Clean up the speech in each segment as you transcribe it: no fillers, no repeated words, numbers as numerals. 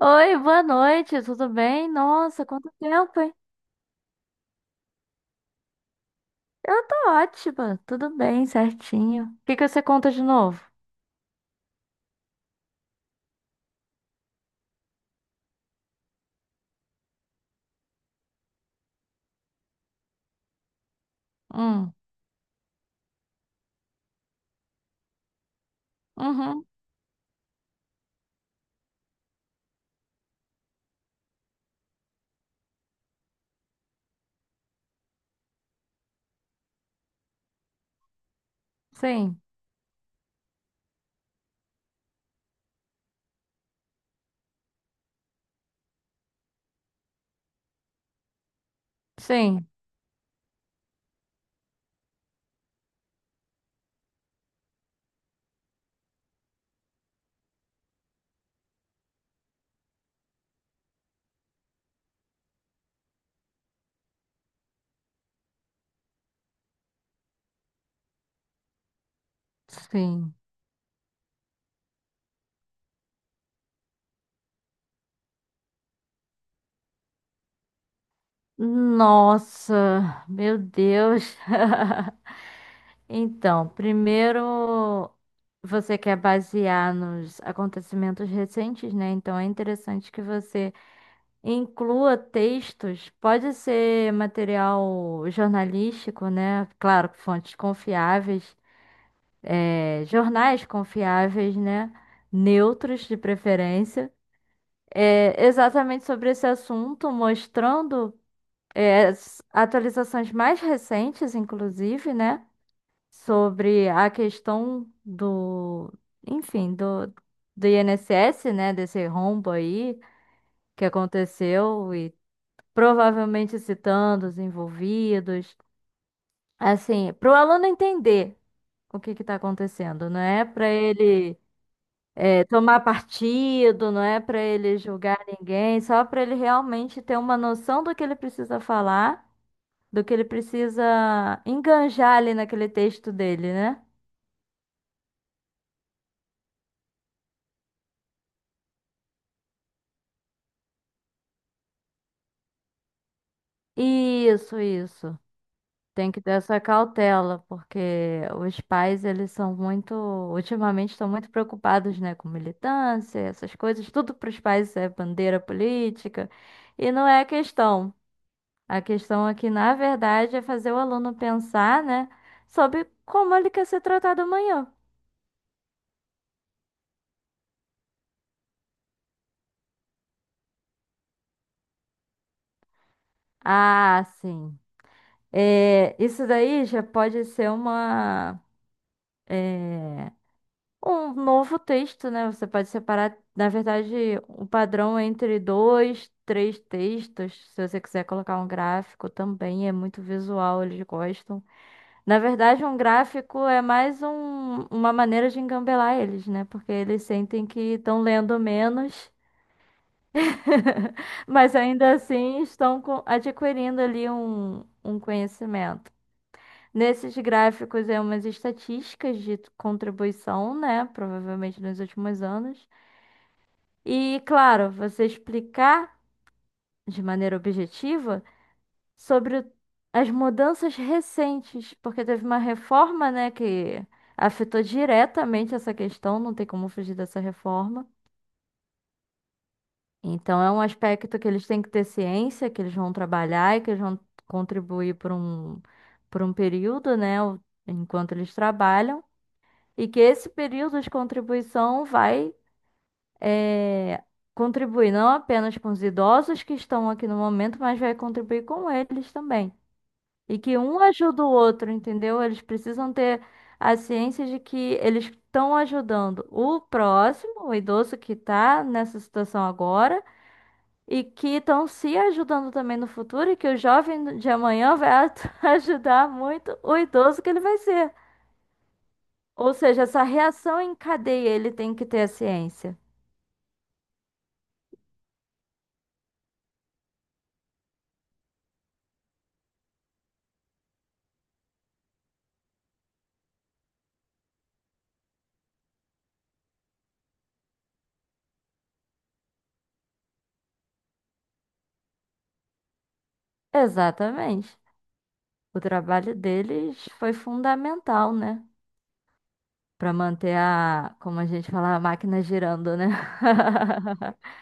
Oi, boa noite, tudo bem? Nossa, quanto tempo, hein? Eu tô ótima, tudo bem, certinho. O que que você conta de novo? Hum, uhum, sim, sim, sim. Nossa, meu Deus. Então, primeiro você quer basear nos acontecimentos recentes, né? Então é interessante que você Inclua textos, pode ser material jornalístico, né? Claro, com fontes confiáveis, jornais confiáveis, né? Neutros de preferência, exatamente sobre esse assunto, mostrando, as atualizações mais recentes, inclusive, né? Sobre a questão do, enfim, do INSS, né? Desse rombo aí que aconteceu provavelmente citando os envolvidos, assim, para o aluno entender o que está acontecendo, não é para ele tomar partido, não é para ele julgar ninguém, só para ele realmente ter uma noção do que ele precisa falar, do que ele precisa enganjar ali naquele texto dele, né? Isso, isso. Tem que ter essa cautela, porque os pais, eles são muito, ultimamente estão muito preocupados, né, com militância, essas coisas, tudo para os pais é bandeira política, e não é a questão. A questão aqui, na verdade, é fazer o aluno pensar, né, sobre como ele quer ser tratado amanhã. Ah, sim. É, isso daí já pode ser uma um novo texto, né? Você pode separar, na verdade, o padrão entre dois, três textos. Se você quiser colocar um gráfico também, é muito visual, eles gostam. Na verdade, um gráfico é mais uma maneira de engambelar eles, né? Porque eles sentem que estão lendo menos, mas ainda assim estão adquirindo ali um conhecimento. Nesses gráficos é umas estatísticas de contribuição, né? Provavelmente nos últimos anos. E, claro, você explicar de maneira objetiva sobre as mudanças recentes, porque teve uma reforma, né, que afetou diretamente essa questão, não tem como fugir dessa reforma. Então, é um aspecto que eles têm que ter ciência, que eles vão trabalhar e que eles vão contribuir por um período, né, enquanto eles trabalham, e que esse período de contribuição vai é, contribuir não apenas com os idosos que estão aqui no momento, mas vai contribuir com eles também. E que um ajuda o outro, entendeu? Eles precisam ter a ciência de que eles estão ajudando o próximo, o idoso que está nessa situação agora, e que estão se ajudando também no futuro, e que o jovem de amanhã vai ajudar muito o idoso que ele vai ser. Ou seja, essa reação em cadeia ele tem que ter a ciência. Exatamente. O trabalho deles foi fundamental, né? Para manter a, como a gente fala, a máquina girando, né?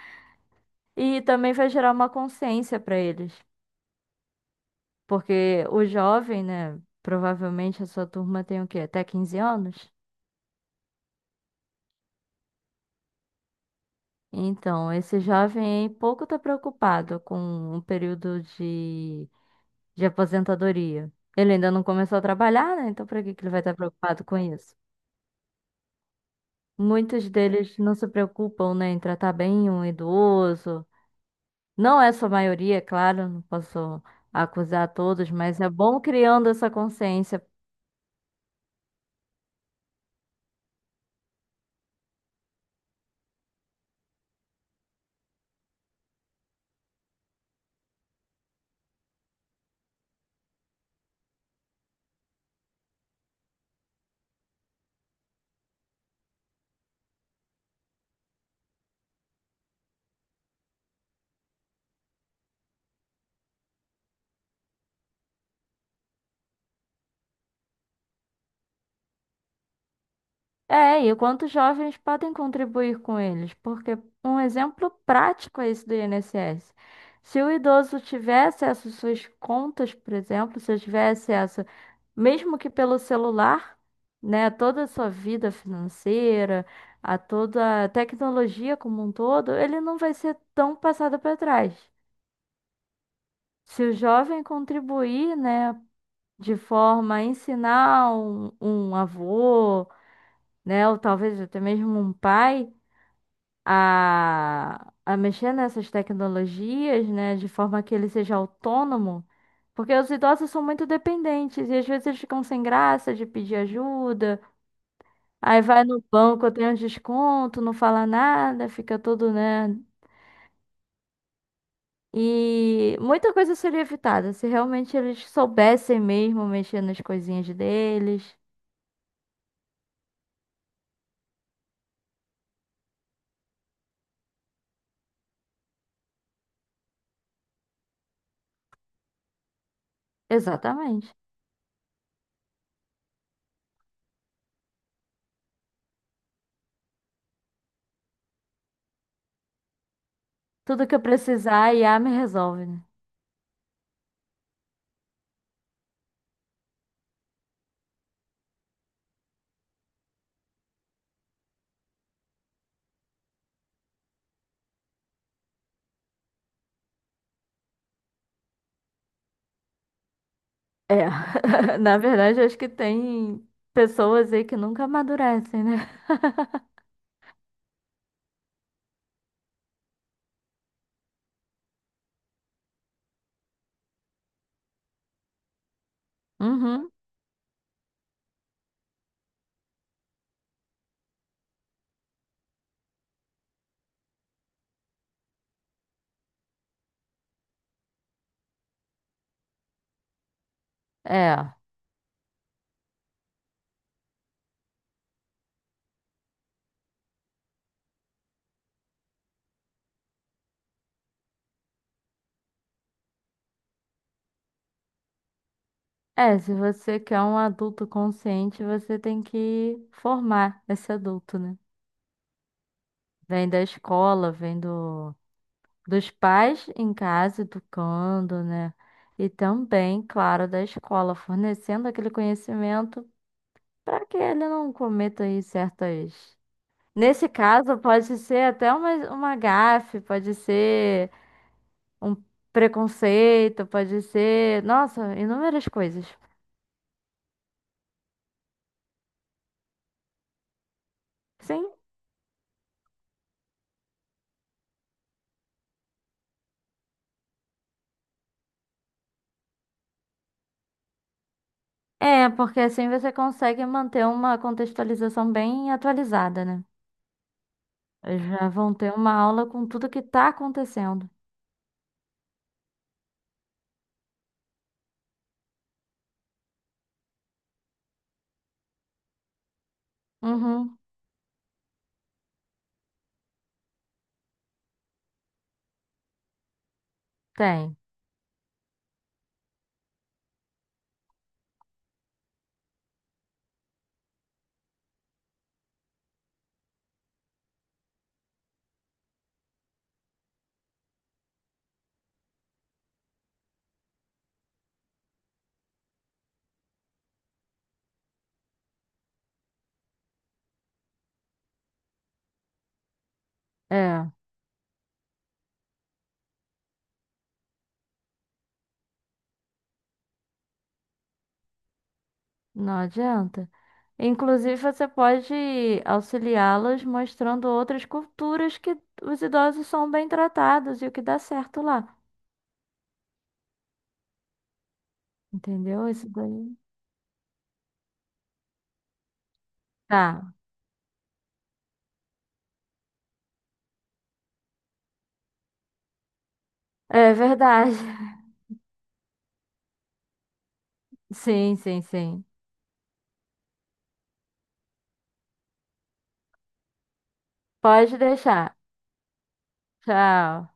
E também vai gerar uma consciência para eles. Porque o jovem, né? Provavelmente a sua turma tem o quê? Até 15 anos? Então, esse jovem aí pouco está preocupado com um período de aposentadoria. Ele ainda não começou a trabalhar, né? Então, para que que ele vai estar preocupado com isso? Muitos deles não se preocupam, né, em tratar bem um idoso. Não é sua maioria, é claro, não posso acusar todos, mas é bom criando essa consciência. É, e quantos jovens podem contribuir com eles? Porque um exemplo prático é esse do INSS. Se o idoso tiver acesso às suas contas, por exemplo, se eu tiver acesso, mesmo que pelo celular, né, a toda a sua vida financeira, a toda a tecnologia como um todo, ele não vai ser tão passado para trás. Se o jovem contribuir, né, de forma a ensinar um avô, né, ou talvez até mesmo um pai a mexer nessas tecnologias, né, de forma que ele seja autônomo, porque os idosos são muito dependentes e às vezes eles ficam sem graça de pedir ajuda, aí vai no banco, tem um desconto, não fala nada, fica todo, né, e muita coisa seria evitada se realmente eles soubessem mesmo mexer nas coisinhas deles. Exatamente. Tudo que eu precisar, a IA me resolve, né? É, na verdade, eu acho que tem pessoas aí que nunca amadurecem, né? Uhum, é. É, se você quer um adulto consciente, você tem que formar esse adulto, né? Vem da escola, vem do, dos pais em casa educando, né? E também, claro, da escola, fornecendo aquele conhecimento para que ele não cometa aí certas. Nesse caso, pode ser até uma gafe, pode ser um preconceito, pode ser, nossa, inúmeras coisas. Sim, é, porque assim você consegue manter uma contextualização bem atualizada, né? Já vão ter uma aula com tudo que tá acontecendo. Uhum, tem. É, não adianta. Inclusive, você pode auxiliá-los mostrando outras culturas que os idosos são bem tratados e o que dá certo lá. Entendeu? Isso daí. Tá. É verdade. Sim, sim, sim. Pode deixar. Tchau.